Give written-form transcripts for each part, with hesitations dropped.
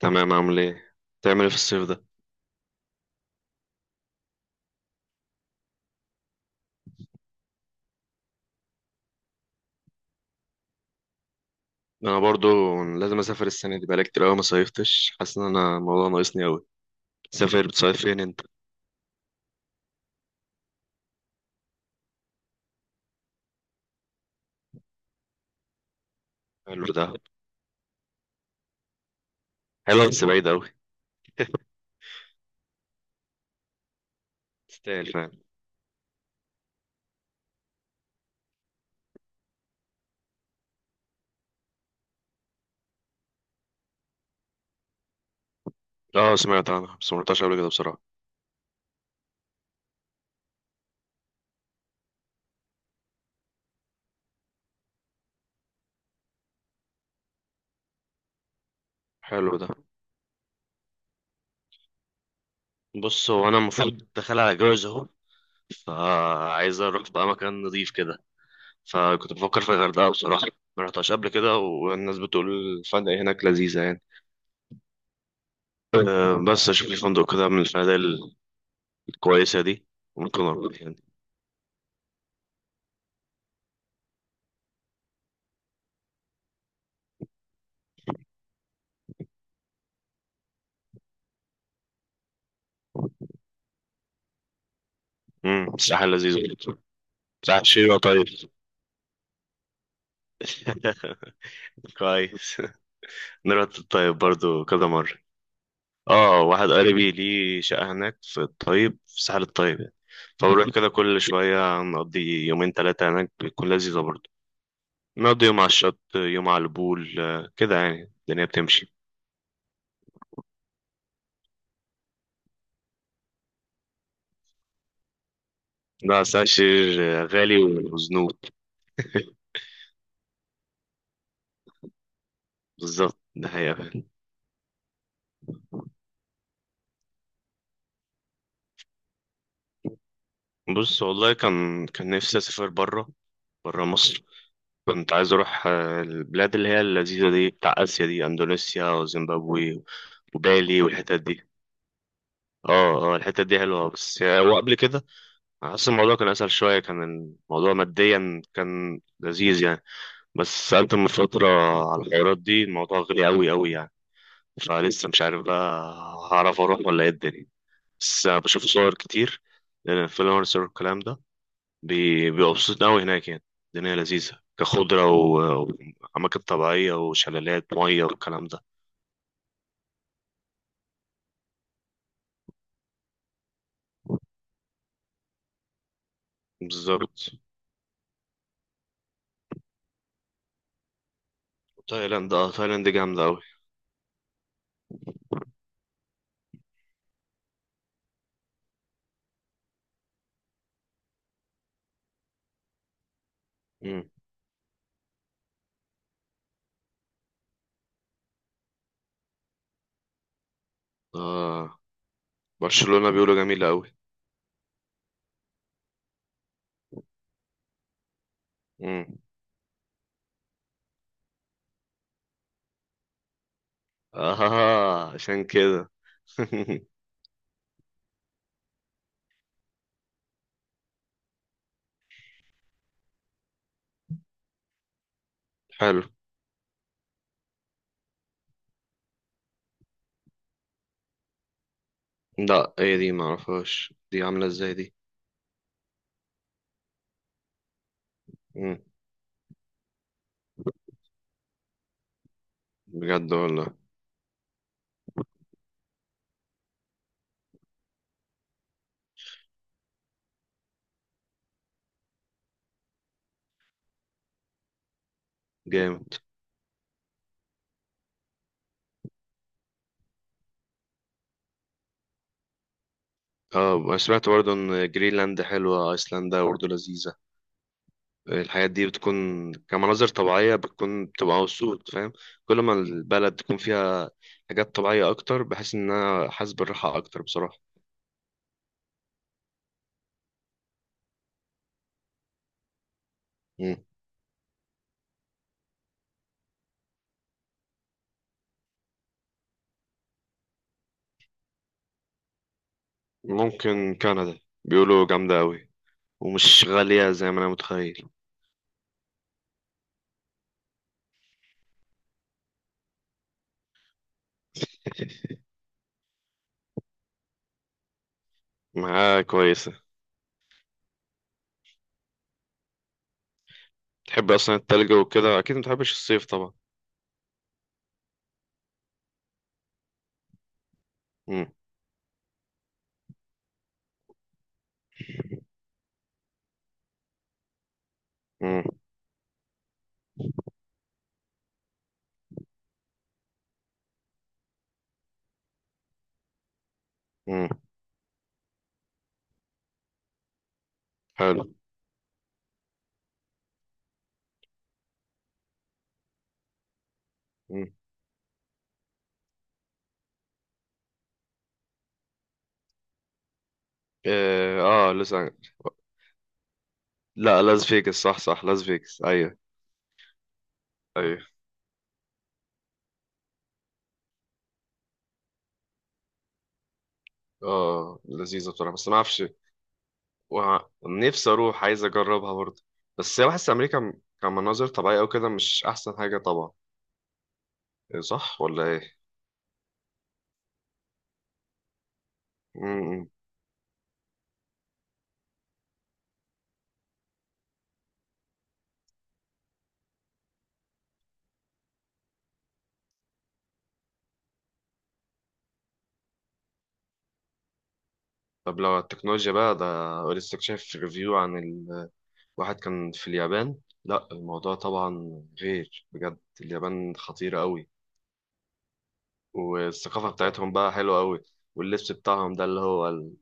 تمام، عامل ايه؟ تعمل ايه في الصيف ده؟ انا برضو لازم اسافر السنه دي، بقالي كتير قوي ما صيفتش. حاسس ان انا الموضوع ناقصني قوي. تسافر بتصيف فين انت؟ حلو ده. حلو بس بعيد قوي. تستاهل فعلا. اه، سمعت عنها بس ما رحتهاش قبل كده بصراحه. حلو ده. بص، هو انا المفروض داخل على جواز اهو، فعايز اروح بقى مكان نضيف كده. فكنت بفكر في الغردقه بصراحه، ما رحتهاش قبل كده والناس بتقول الفنادق هناك لذيذه يعني. أه، بس اشوف لي فندق كده من الفنادق الكويسه دي، ممكن اروح يعني. الساحل لذيذ برضه. ساحل شيرة طيب. كويس. نروح الطيب برضو كذا مرة. اه، واحد قريبي ليه شقة هناك في الطيب، في ساحل الطيب يعني. فبنروح كده كل شوية، نقضي يومين تلاتة هناك بتكون لذيذة برضو. نقضي يوم على الشط يوم على البول، كده يعني الدنيا بتمشي. لا، ساحل شرير غالي وزنوط. بالظبط، ده حقيقة فعلا. بص، والله كان نفسي أسافر برا، برا مصر. كنت عايز اروح البلاد اللي هي اللذيذه دي بتاع اسيا دي، اندونيسيا وزيمبابوي وبالي والحتت دي. اه اه، الحتت دي حلوه بس هو قبل كده حاسس الموضوع كان اسهل شويه، كان الموضوع ماديا كان لذيذ يعني. بس سالت من فتره على الحوارات دي، الموضوع غالي قوي قوي يعني. فلسه مش عارف بقى هعرف اروح ولا ايه الدنيا. بس بشوف صور كتير، الانفلونسر والكلام ده بيبقى مبسوط قوي هناك يعني. الدنيا لذيذة كخضرة وأماكن طبيعية وشلالات مية والكلام ده. بالظبط. تايلاند جامدة أوي. مم. اه، برشلونة بيقولوا جميلة أوي. مم. اه، عشان كده. حلو. لا، ايه دي؟ معرفهاش دي، عاملة ازاي دي؟ مم. بجد والله. جامد. اه، سمعت برضه ان جرينلاند حلوة، ايسلندا برضه لذيذة. الحاجات دي بتكون كمناظر طبيعية، بتبقى مبسوط فاهم. كل ما البلد تكون فيها حاجات طبيعية أكتر، بحس إن أنا حاسس بالراحة أكتر بصراحة. مم. ممكن كندا، بيقولوا جامدة أوي ومش غالية زي ما أنا متخيل. معاها كويسة. تحب أصلا التلج وكده، أكيد متحبش الصيف طبعا. مم. مم. مم. حلو. مم. آه, آه لسه. لا، لاس فيجاس صح صح، لاس فيجاس. أيوه. أيوه. آه، لذيذة بصراحة بس ما أعرفش. ونفسي اروح، عايز اجربها برضه. بس هي بحس امريكا كمناظر طبيعيه او كده مش احسن حاجه طبعا. إيه، صح ولا ايه؟ امم طب لو على التكنولوجيا بقى، ده لسه شايف ريفيو عن واحد كان في اليابان. لا، الموضوع طبعا غير، بجد اليابان خطيره قوي. والثقافه بتاعتهم بقى حلوه قوي، واللبس بتاعهم ده اللي هو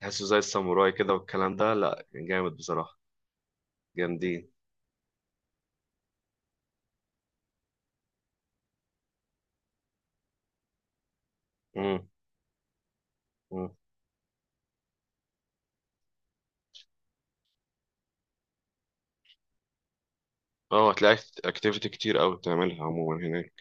تحسه زي الساموراي كده والكلام ده. لا جامد بصراحه، جامدين. امم. امم. اه، هتلاقي اكتيفيتي كتير قوي بتعملها عموما هناك.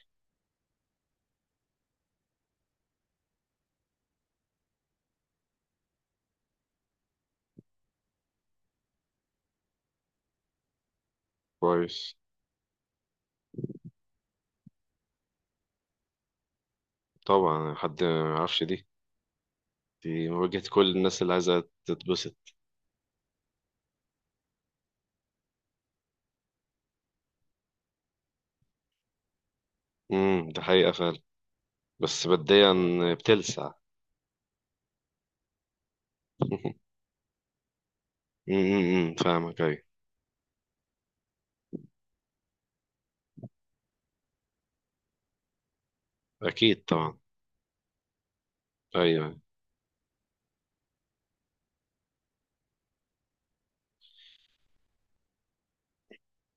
كويس. طبعا حد ما يعرفش دي، دي واجهة كل الناس اللي عايزة تتبسط. ده حقيقة فعلا. بس بديا بتلسع. فاهمك، ايوه. اكيد طبعا. ايوه.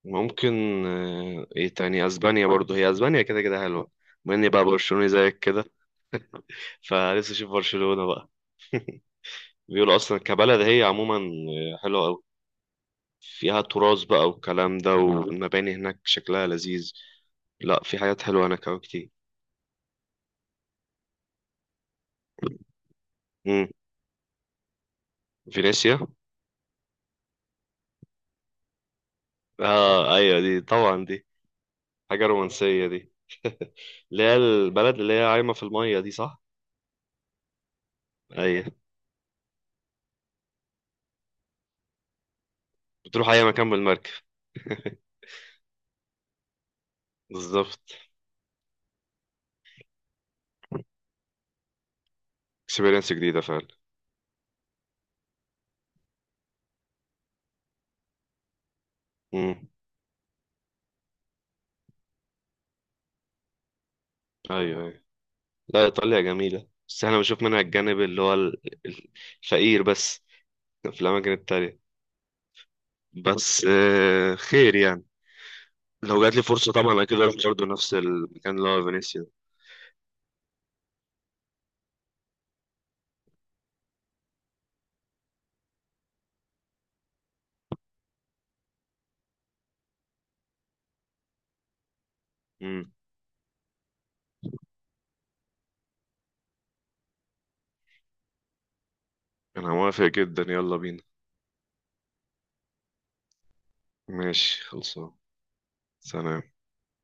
ممكن ايه تاني؟ اسبانيا برضو، هي اسبانيا كده كده حلوة. بما اني بقى برشلوني زيك كده، فلسه اشوف برشلونة بقى. بيقولوا اصلا كبلد هي عموما حلوة قوي. فيها تراث بقى والكلام ده، والمباني هناك شكلها لذيذ. لا، في حاجات حلوة هناك أوي كتير. امم فينيسيا. اه ايوه، دي طبعا دي حاجة رومانسية دي. اللي هي البلد اللي هي عايمة في المية دي، صح؟ ايوه. بتروح اي مكان بالمركب. بالظبط. اكسبيرينس جديدة فعلا. امم ايوه ايوه. لا، ايطاليا جميلة بس احنا بنشوف منها الجانب اللي هو ال- الفقير بس في الاماكن التانية. بس آه، خير يعني. لو جات لي فرصة طبعا اكيد اروح برضه نفس المكان اللي هو فينيسيا. امم انا موافق جدا، يلا بينا. ماشي خلصان. سلام.